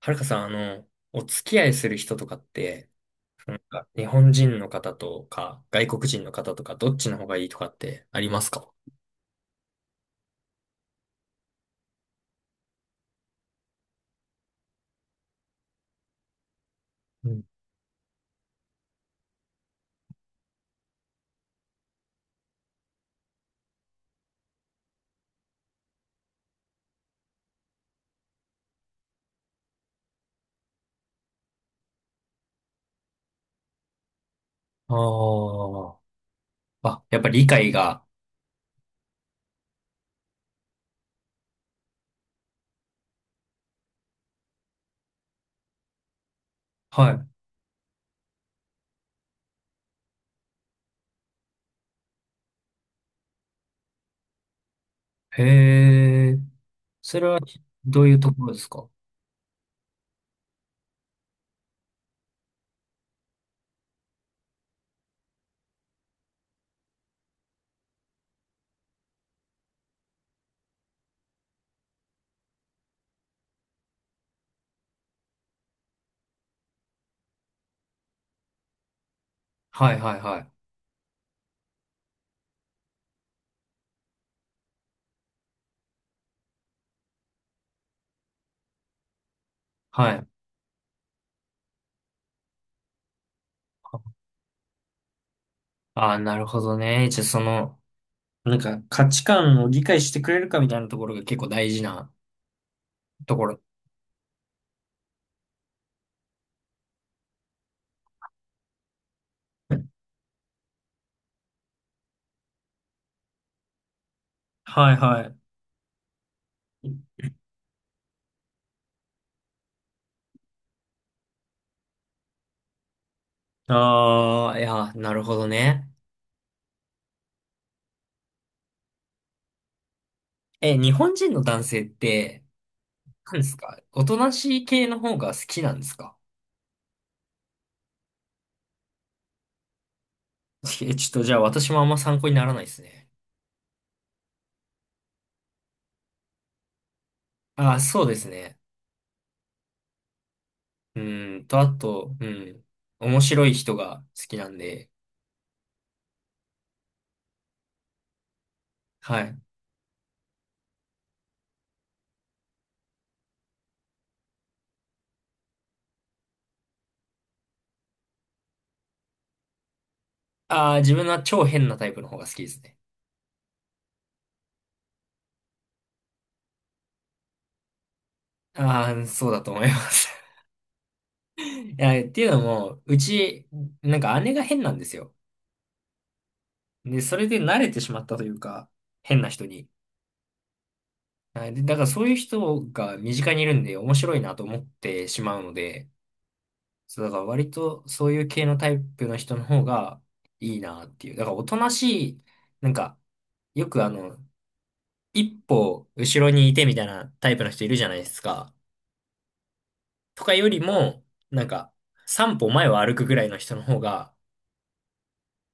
はるかさん、の、お付き合いする人とかって、なんか日本人の方とか、外国人の方とか、どっちの方がいいとかってありますか？うん。ああ、あ、やっぱり理解が、はい。へえ。それはどういうところですか？はいはいはい。はい。ああ、なるほどね。じゃあなんか価値観を理解してくれるかみたいなところが結構大事なところ。はいはい。ああ、いや、なるほどね。え、日本人の男性って、何ですか？おとなしい系の方が好きなんですか？え、ちょっとじゃあ私もあんま参考にならないですね。あ、そうですね。あと、うん。面白い人が好きなんで、はい。あー、自分は超変なタイプの方が好きですね。あー、そうだと思います。いや、っていうのも、うち、なんか姉が変なんですよ。で、それで慣れてしまったというか、変な人に。はい。で、だからそういう人が身近にいるんで面白いなと思ってしまうので、そう、だから割とそういう系のタイプの人の方がいいなっていう。だからおとなしい、なんか、よく一歩後ろにいてみたいなタイプの人いるじゃないですか。とかよりも、なんか、三歩前を歩くぐらいの人の方が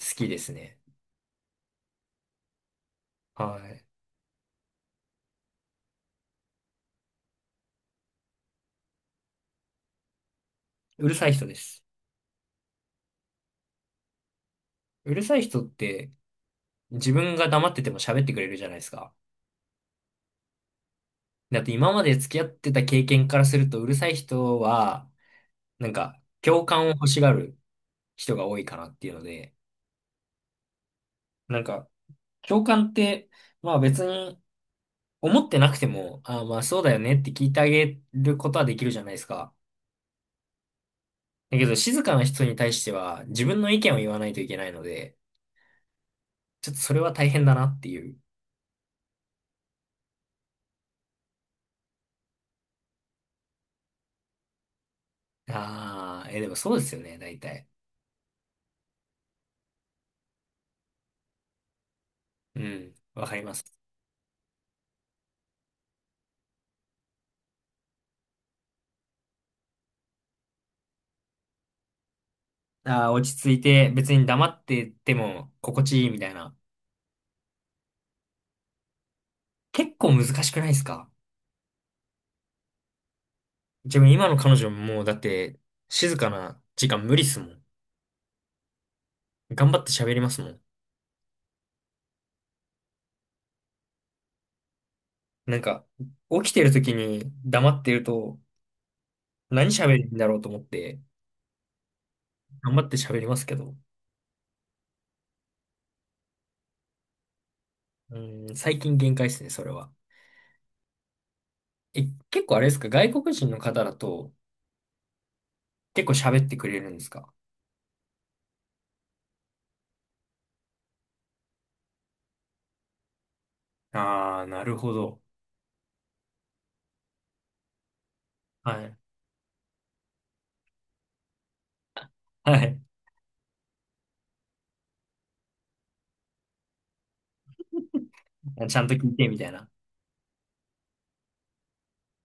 好きですね。はい。うるさい人です。うるさい人って、自分が黙ってても喋ってくれるじゃないですか。だって今まで付き合ってた経験からすると、うるさい人は、なんか、共感を欲しがる人が多いかなっていうので、なんか、共感って、まあ別に思ってなくても、ああまあそうだよねって聞いてあげることはできるじゃないですか。だけど静かな人に対しては自分の意見を言わないといけないので、ちょっとそれは大変だなっていう。ああ、え、でもそうですよね、大体。うん、わかります。ああ、落ち着いて別に黙ってても心地いいみたいな。結構難しくないですか？自分今の彼女ももうだって静かな時間無理っすもん。頑張って喋りますもん。なんか、起きてる時に黙ってると、何喋るんだろうと思って、頑張って喋りますけど、うん、最近限界ですね、それは。え、結構あれですか、外国人の方だと、結構喋ってくれるんですか？ああー、なるほど。はい。はい。ちゃんと聞いて、みたいな。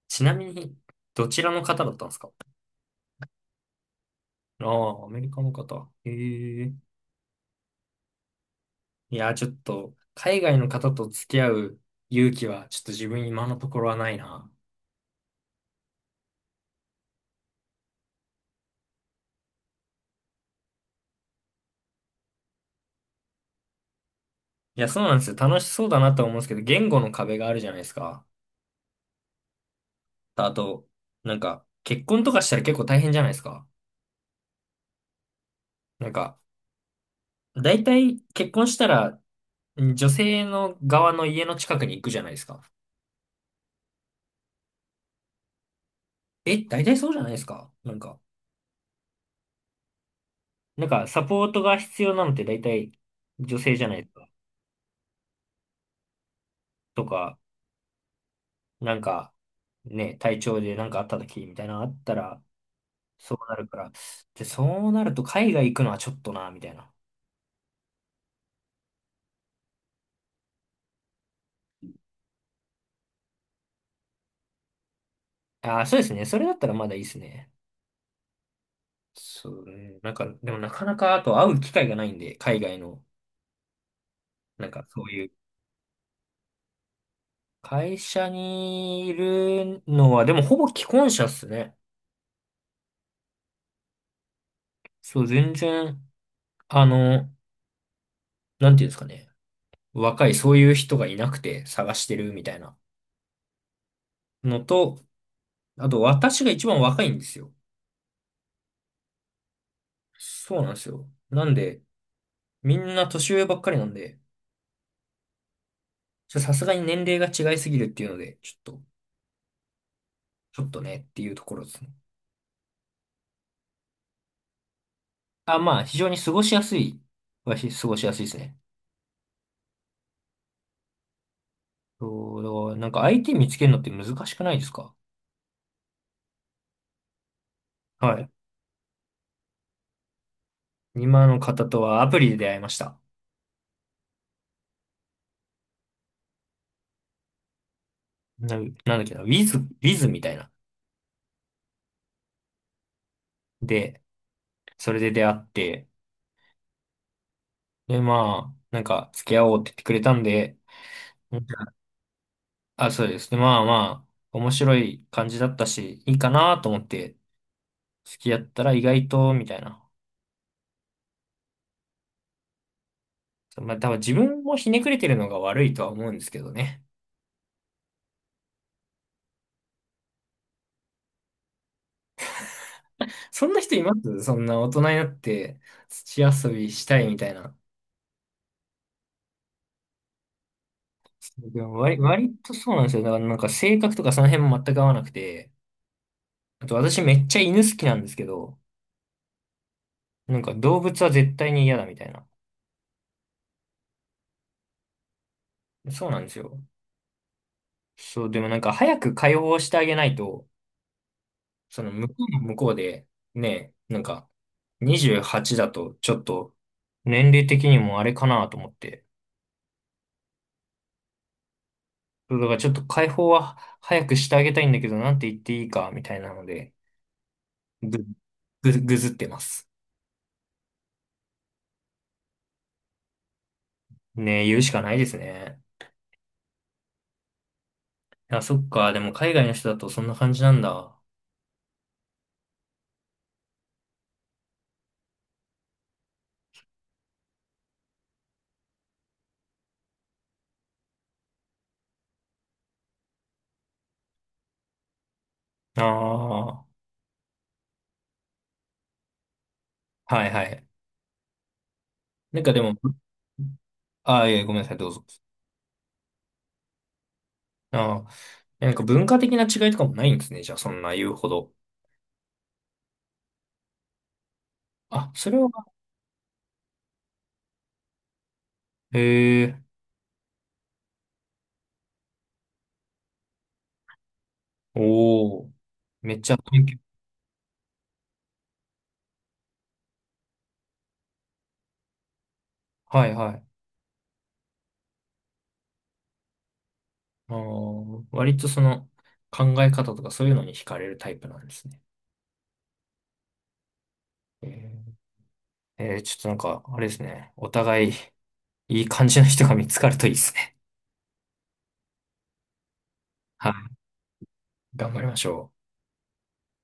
ちなみに、どちらの方だったんですか？ああー、アメリカの方。へえ。いやちょっと、海外の方と付き合う勇気は、ちょっと自分今のところはないな。いや、そうなんですよ。楽しそうだなとは思うんですけど、言語の壁があるじゃないですか。あと、なんか、結婚とかしたら結構大変じゃないですか。なんか、大体結婚したら、女性の側の家の近くに行くじゃないですか。え、大体そうじゃないですか。なんか、なんか、サポートが必要なのって大体女性じゃないですか。とか、なんか、ね、体調でなんかあった時みたいなのあったら、そうなるから。で、そうなると海外行くのはちょっとな、みたいな。ああ、そうですね。それだったらまだいいですね。そうね。なんか、でもなかなか、あと会う機会がないんで、海外の、なんかそういう、会社にいるのは、でもほぼ既婚者っすね。そう、全然、あの、なんていうんですかね。若い、そういう人がいなくて探してるみたいなのと、あと私が一番若いんですよ。そうなんですよ。なんで、みんな年上ばっかりなんで、さすがに年齢が違いすぎるっていうので、ちょっと、ちょっとねっていうところですね。あ、まあ、非常に過ごしやすい。過ごしやすいですね。そう、なんか相手見つけるのって難しくないですか？はい。今の方とはアプリで出会いました。なんだっけな、ウィズみたいな。で、それで出会って、で、まあ、なんか、付き合おうって言ってくれたんで、うん。あ、そうです。で、まあまあ、面白い感じだったし、いいかなと思って、付き合ったら意外と、みたいな。まあ、多分自分もひねくれてるのが悪いとは思うんですけどね。そんな人います？そんな大人になって土遊びしたいみたいな。でも割とそうなんですよ。だからなんか性格とかその辺も全く合わなくて。あと私めっちゃ犬好きなんですけど、なんか動物は絶対に嫌だみたいな。そうなんですよ。そう、でもなんか早く解放してあげないと、その向こうも向こうで、ね、なんか28だとちょっと年齢的にもあれかなと思って。そうだからちょっと解放は早くしてあげたいんだけど、なんて言っていいかみたいなので。ぐ、ぐずってます。ねえ、言うしかないですね。あ、そっか。でも海外の人だとそんな感じなんだ。ああ、はいはい。なんかでも、ああ、いえ、ごめんなさい、どうぞ。ああ、なんか文化的な違いとかもないんですね。じゃあ、そんな言うほど。あ、それは、へえ、おお、めっちゃ勉強。はいはい。あー割とその考え方とかそういうのに惹かれるタイプなんですね。えちょっとなんか、あれですね。お互いいい感じの人が見つかるといいですね。はい。頑張りましょう。